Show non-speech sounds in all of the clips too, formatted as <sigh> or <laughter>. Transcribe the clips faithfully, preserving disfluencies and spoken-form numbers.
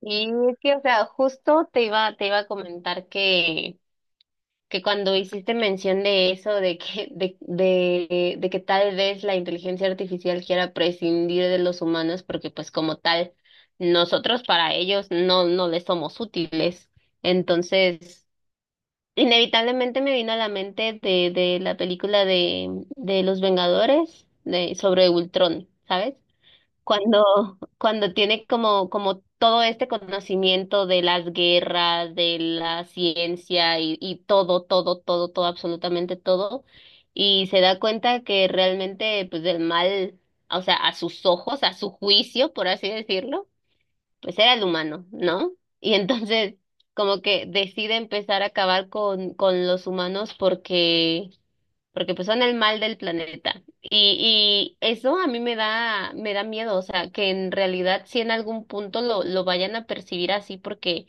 Y es que, o sea, justo te iba, te iba a comentar que, que cuando hiciste mención de eso, de que, de, de, de que tal vez la inteligencia artificial quiera prescindir de los humanos, porque pues como tal, nosotros para ellos no, no les somos útiles. Entonces, inevitablemente me vino a la mente de, de la película de, de Los Vengadores, de, sobre Ultrón, ¿sabes? cuando, cuando tiene como, como todo este conocimiento de las guerras, de la ciencia y, y todo, todo, todo, todo, absolutamente todo, y se da cuenta que realmente, pues, del mal, o sea, a sus ojos, a su juicio, por así decirlo, pues era el humano, ¿no? Y entonces, como que decide empezar a acabar con, con los humanos porque porque pues son el mal del planeta. Y, y eso a mí me da, me da miedo, o sea, que en realidad si en algún punto lo, lo vayan a percibir así, porque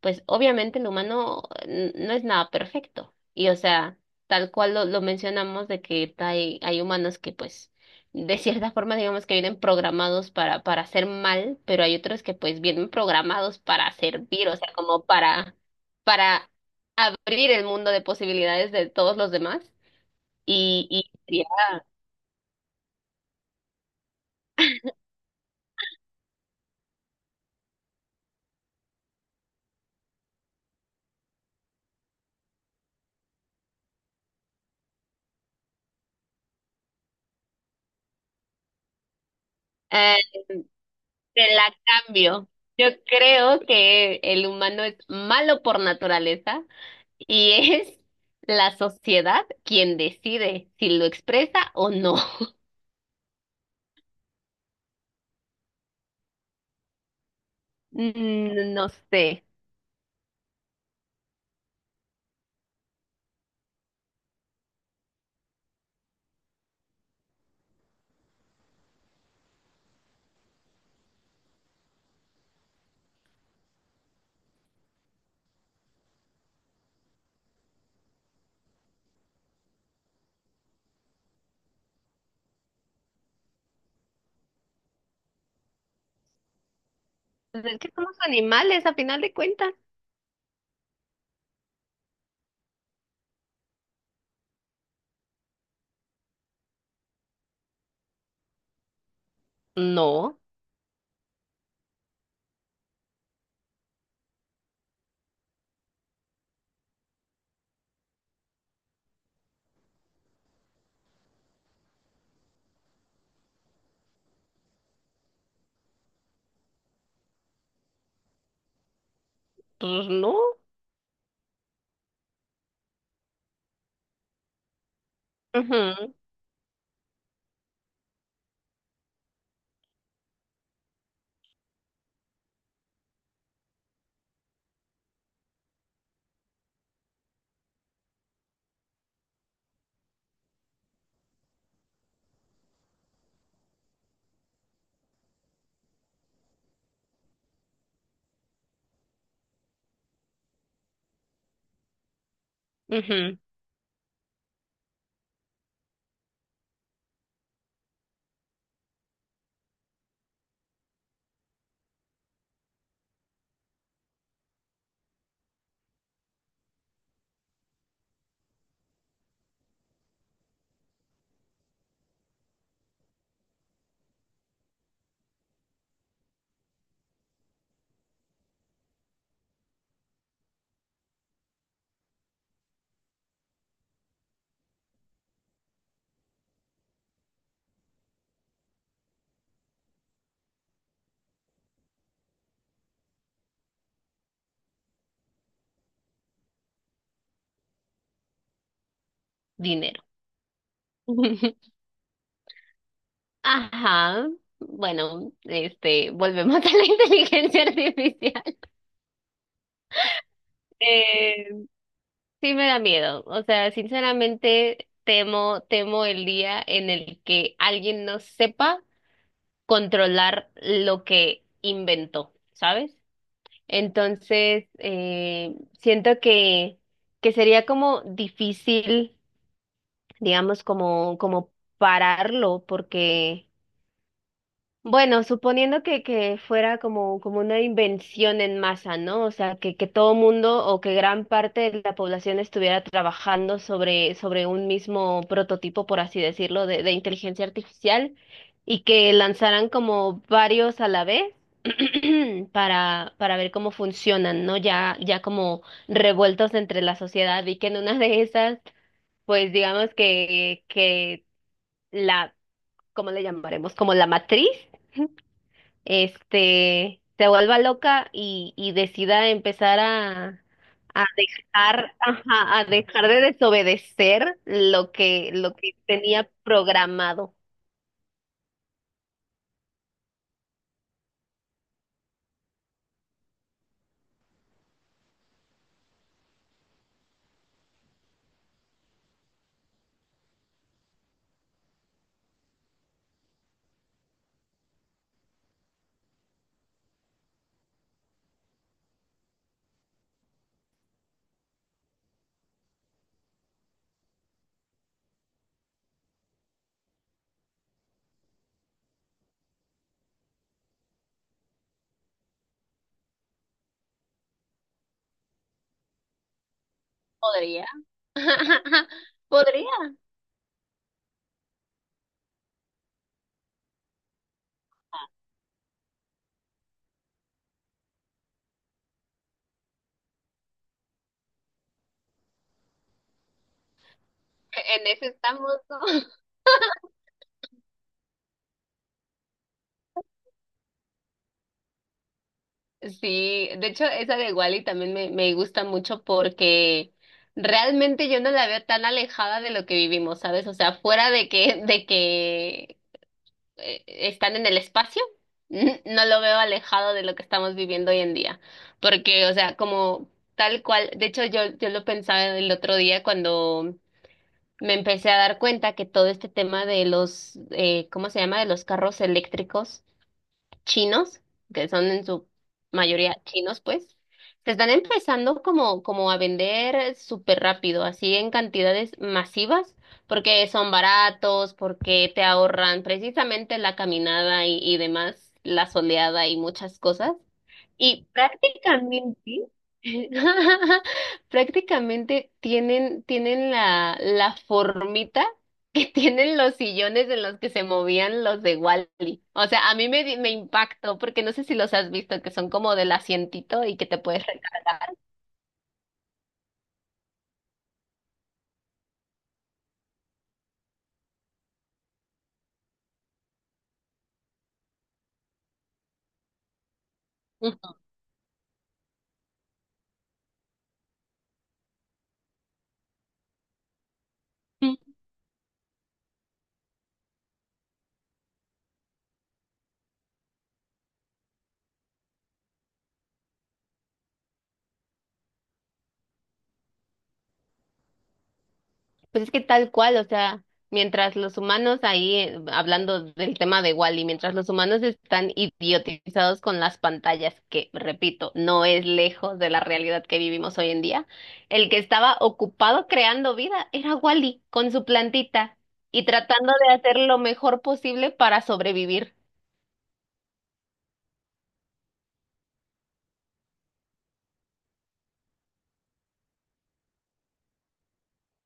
pues obviamente el humano eh, n- no es nada perfecto. Y o sea, tal cual lo, lo mencionamos de que hay, hay humanos que pues de cierta <laughs> forma digamos que vienen programados para, para hacer mal, pero hay otros que pues vienen programados para servir, o sea, como para, para abrir el mundo de posibilidades de todos los demás. Y, y ya, eh, te la cambio. Yo creo que el humano es malo por naturaleza y es la sociedad quien decide si lo expresa o no. <laughs> Mm, No sé. Pues es que somos animales a final de cuentas. No, pues no. Ujú, ujú. Dinero. <laughs> Ajá. Bueno, este, volvemos a la <laughs> inteligencia artificial. Eh, Sí me da miedo, o sea, sinceramente temo, temo el día en el que alguien no sepa controlar lo que inventó, ¿sabes? Entonces, eh, siento que, que sería como difícil, digamos, como, como pararlo, porque bueno, suponiendo que, que fuera como, como una invención en masa, ¿no? O sea, que, que todo mundo o que gran parte de la población estuviera trabajando sobre, sobre un mismo prototipo, por así decirlo, de, de inteligencia artificial y que lanzaran como varios a la vez <clears throat> para, para ver cómo funcionan, ¿no? Ya, ya como revueltos entre la sociedad y que en una de esas, pues digamos que, que la, ¿cómo le llamaremos? Como la matriz este, se vuelva loca y, y decida empezar a, a dejar, ajá, a dejar de desobedecer lo que, lo que tenía programado. Podría. <laughs> Podría. En eso estamos, ¿no? <laughs> Sí, de hecho, esa de Wally también me, me gusta mucho porque realmente yo no la veo tan alejada de lo que vivimos, ¿sabes? O sea, fuera de que, de que eh, están en el espacio, n- no lo veo alejado de lo que estamos viviendo hoy en día. Porque, o sea, como tal cual, de hecho yo, yo lo pensaba el otro día cuando me empecé a dar cuenta que todo este tema de los, eh, ¿cómo se llama? De los carros eléctricos chinos, que son en su mayoría chinos, pues, se están empezando como, como a vender súper rápido, así en cantidades masivas, porque son baratos, porque te ahorran precisamente la caminada y, y demás, la soleada y muchas cosas. Y prácticamente, <laughs> prácticamente tienen, tienen la, la formita que <laughs> tienen los sillones en los que se movían los de Wall-E. O sea, a mí me, di- me impactó porque no sé si los has visto, que son como del asientito y que te puedes recargar. Pues es que tal cual, o sea, mientras los humanos ahí, eh, hablando del tema de Wall-E, mientras los humanos están idiotizados con las pantallas, que repito, no es lejos de la realidad que vivimos hoy en día, el que estaba ocupado creando vida era Wall-E con su plantita y tratando de hacer lo mejor posible para sobrevivir.